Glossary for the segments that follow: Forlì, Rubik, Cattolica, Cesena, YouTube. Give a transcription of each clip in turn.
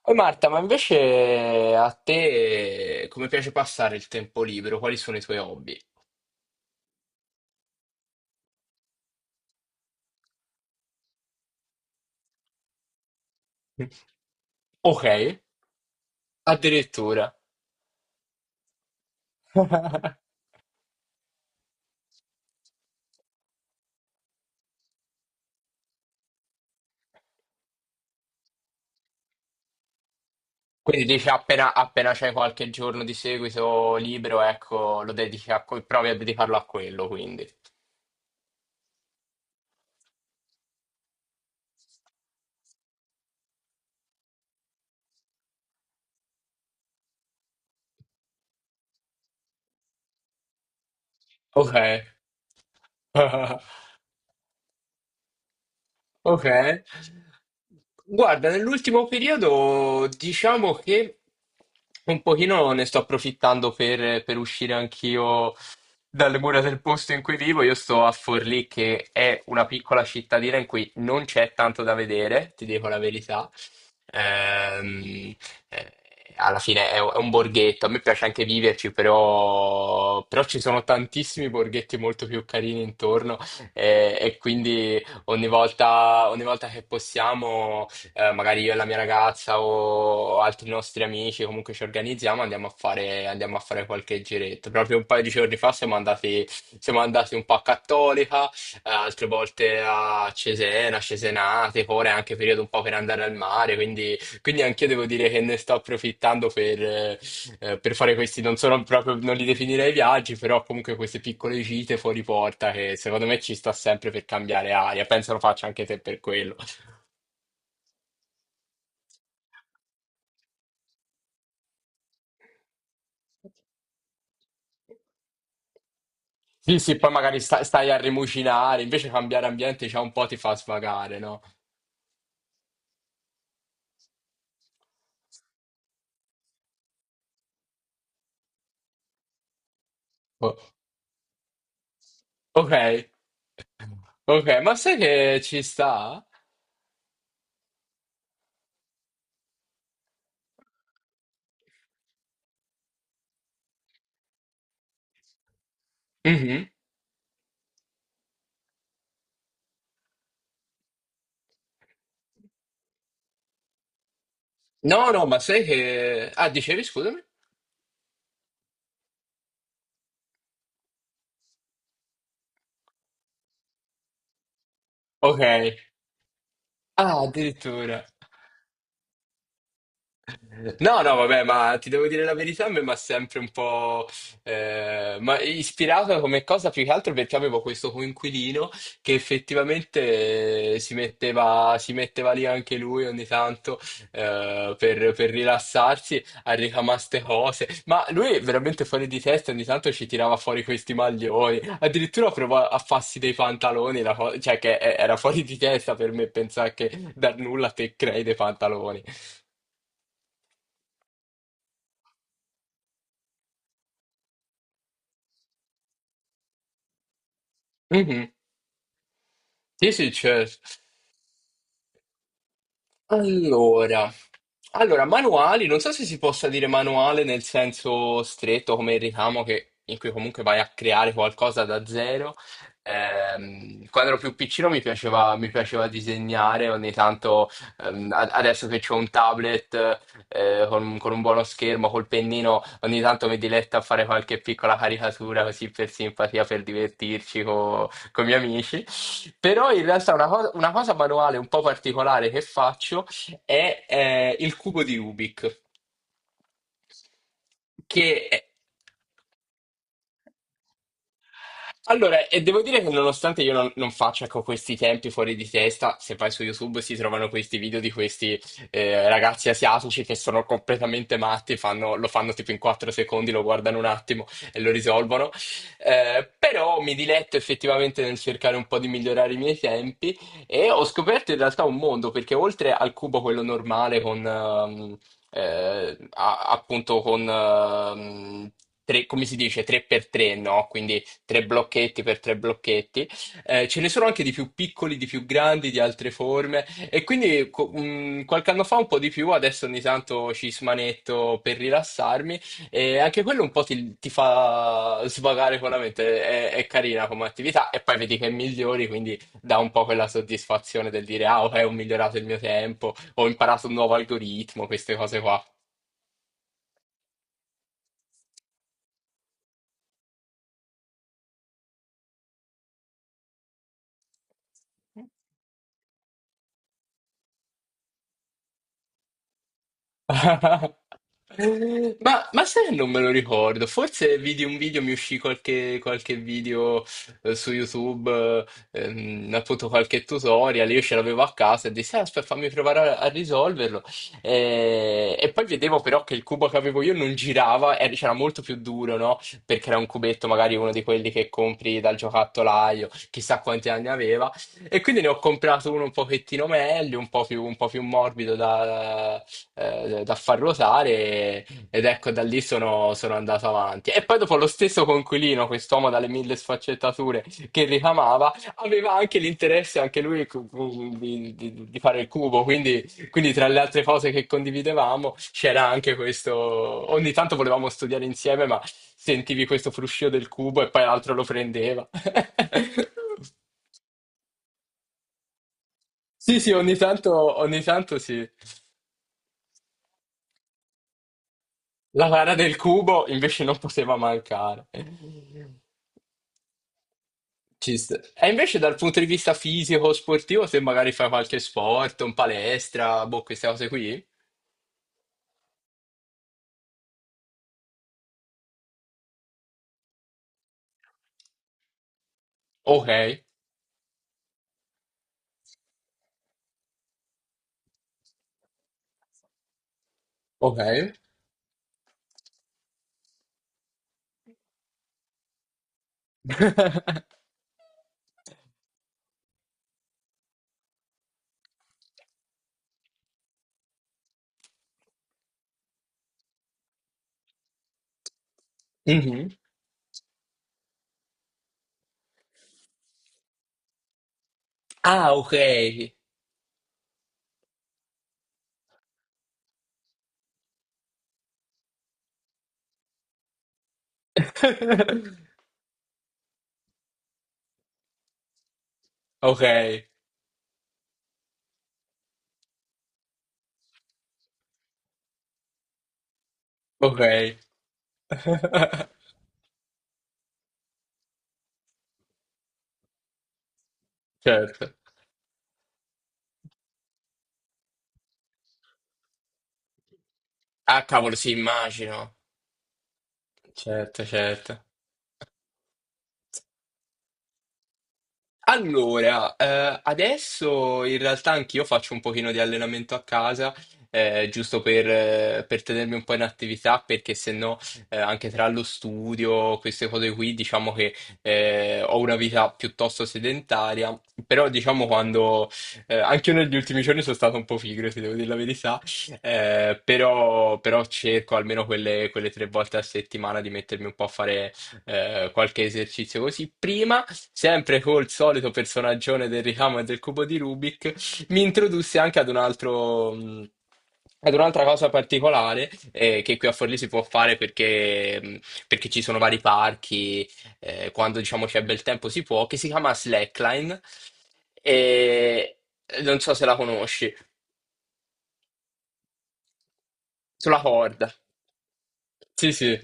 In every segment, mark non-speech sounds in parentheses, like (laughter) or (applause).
Poi Marta, ma invece a te come piace passare il tempo libero? Quali sono i tuoi hobby? Ok, addirittura. (laughs) Quindi dici appena c'è qualche giorno di seguito libero, ecco, lo dedichi a, provi a dedicarlo a quello, quindi. Ok. (laughs) Ok. Guarda, nell'ultimo periodo diciamo che un pochino ne sto approfittando per uscire anch'io dalle mura del posto in cui vivo. Io sto a Forlì, che è una piccola cittadina in cui non c'è tanto da vedere, ti dico la verità. Ehm, eh, Alla fine è un borghetto, a me piace anche viverci, però ci sono tantissimi borghetti molto più carini intorno e quindi ogni volta che possiamo, magari io e la mia ragazza o altri nostri amici, comunque ci organizziamo, andiamo a fare qualche giretto. Proprio un paio di giorni fa siamo andati un po' a Cattolica, altre volte a Cesena, Cesenate, ora è anche periodo un po' per andare al mare, quindi anch'io devo dire che ne sto approfittando per fare questi, non sono proprio, non li definirei viaggi, però comunque queste piccole gite fuori porta che secondo me ci sta sempre per cambiare aria. Penso lo faccia anche te per quello. Sì, sì, poi magari stai a rimucinare, invece cambiare ambiente già un po' ti fa svagare, no? O- ok, ok, ma sai che ci sta? Mhm. No, no, ma sai che, ah, dicevi, scusami? Ok. Ah, addirittura. No, no, vabbè, ma ti devo dire la verità, a me mi ha sempre un po' ma ispirato come cosa più che altro perché avevo questo coinquilino che effettivamente si metteva lì anche lui ogni tanto per rilassarsi a ricamare ste cose, ma lui veramente fuori di testa ogni tanto ci tirava fuori questi maglioni, addirittura provò a farsi dei pantaloni, cioè che era fuori di testa per me pensare che da nulla te crei dei pantaloni. Mhm. Sì, sì, certo. Allora, allora, manuali, non so se si possa dire manuale nel senso stretto come il ricamo in cui comunque vai a creare qualcosa da zero. Quando ero più piccino mi piaceva disegnare, ogni tanto, adesso che ho un tablet con un buono schermo, col pennino, ogni tanto mi diletto a fare qualche piccola caricatura così per simpatia, per divertirci con i miei amici. Però in realtà una cosa manuale un po' particolare che faccio è il cubo di Rubik, che è- allora, e devo dire che nonostante io non faccia con questi tempi fuori di testa, se vai su YouTube si trovano questi video di questi ragazzi asiatici che sono completamente matti, lo fanno tipo in 4 secondi, lo guardano un attimo e lo risolvono. Però mi diletto effettivamente nel cercare un po' di migliorare i miei tempi e ho scoperto in realtà un mondo, perché oltre al cubo quello normale con... a- appunto come si dice, 3x3, no? Quindi tre blocchetti per tre blocchetti. Ce ne sono anche di più piccoli, di più grandi, di altre forme. E quindi qualche anno fa un po' di più, adesso ogni tanto ci smanetto per rilassarmi. E anche quello un po' ti fa svagare con la mente. È carina come attività. E poi vedi che migliori, quindi dà un po' quella soddisfazione del dire: Ah, ok, ho migliorato il mio tempo, ho imparato un nuovo algoritmo, queste cose qua. (laughs) Ma sai che non me lo ricordo, forse vidi un video, mi uscì qualche video su YouTube, appunto qualche tutorial, io ce l'avevo a casa e dissi, "Ah, aspetta, fammi provare a risolverlo. E poi vedevo però che il cubo che avevo io non girava, c'era molto più duro, no? Perché era un cubetto, magari uno di quelli che compri dal giocattolaio, chissà quanti anni aveva. E quindi ne ho comprato uno un pochettino meglio, un po' più morbido da far ruotare ed ecco da lì sono andato avanti. E poi dopo lo stesso Conquilino, quest'uomo dalle mille sfaccettature che ricamava, aveva anche l'interesse anche lui di fare il cubo, quindi tra le altre cose che condividevamo c'era anche questo, ogni tanto volevamo studiare insieme, ma sentivi questo fruscio del cubo e poi l'altro lo prendeva. (laughs) Sì, sì, ogni tanto sì. La vara del cubo invece non poteva mancare. Ci sta. E invece dal punto di vista fisico, sportivo, se magari fai qualche sport, un palestra, boh, queste cose qui. Ok, ok. (laughs) Mhm. Ah, ok. (laughs) Ok, ok. (laughs) Certo. Ah, cavolo, sì, immagino. Certo, certo. Allora, adesso in realtà anch'io faccio un pochino di allenamento a casa, giusto per tenermi un po' in attività, perché se no, anche tra lo studio, queste cose qui, diciamo che ho una vita piuttosto sedentaria, però diciamo quando, anche io negli ultimi giorni sono stato un po' pigro, se devo dire la verità, però cerco almeno quelle tre volte a settimana di mettermi un po' a fare qualche esercizio così prima, sempre col solito personaggione del ricamo e del cubo di Rubik, mi introdusse anche ad un altro. Ad un'altra cosa particolare che qui a Forlì si può fare perché, perché ci sono vari parchi, quando diciamo c'è bel tempo si può, che si chiama slackline e non so se la conosci, sulla corda. Sì, sì.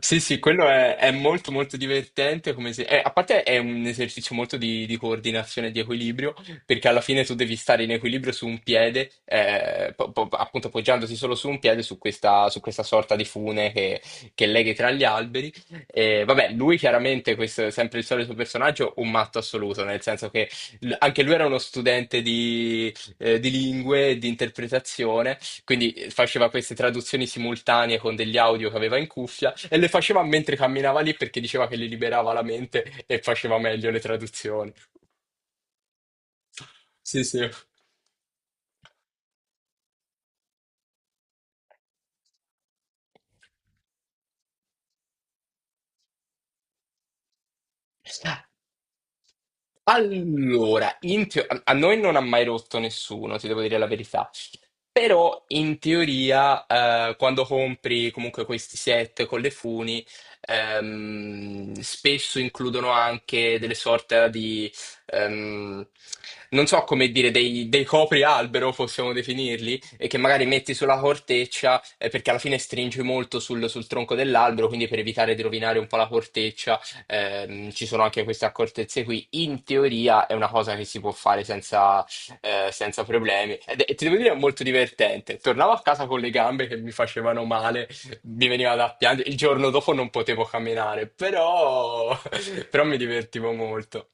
Sì, sì, quello è molto molto divertente, come a parte è un esercizio molto di coordinazione e di equilibrio, perché alla fine tu devi stare in equilibrio su un piede, appunto appoggiandosi solo su un piede, su questa sorta di fune che leghi tra gli alberi. E, vabbè, lui chiaramente, questo è sempre il solito personaggio, un matto assoluto, nel senso che anche lui era uno studente di lingue, e di interpretazione, quindi faceva queste traduzioni simultanee con degli audio che aveva in cuffia e le faceva mentre camminava lì perché diceva che gli liberava la mente e faceva meglio le traduzioni. Sì, sì. Allora, a noi non ha mai rotto nessuno, ti devo dire la verità. Però in teoria, quando compri comunque questi set con le funi, spesso includono anche delle sorte di, ehm, non so come dire, dei coprialbero, possiamo definirli, e che magari metti sulla corteccia, perché alla fine stringi molto sul tronco dell'albero, quindi per evitare di rovinare un po' la corteccia, ci sono anche queste accortezze qui. In teoria è una cosa che si può fare senza problemi. Ti devo dire, è molto divertente. Tornavo a casa con le gambe che mi facevano male, mi veniva da piangere. Il giorno dopo non potevo camminare, però, (laughs) però mi divertivo molto.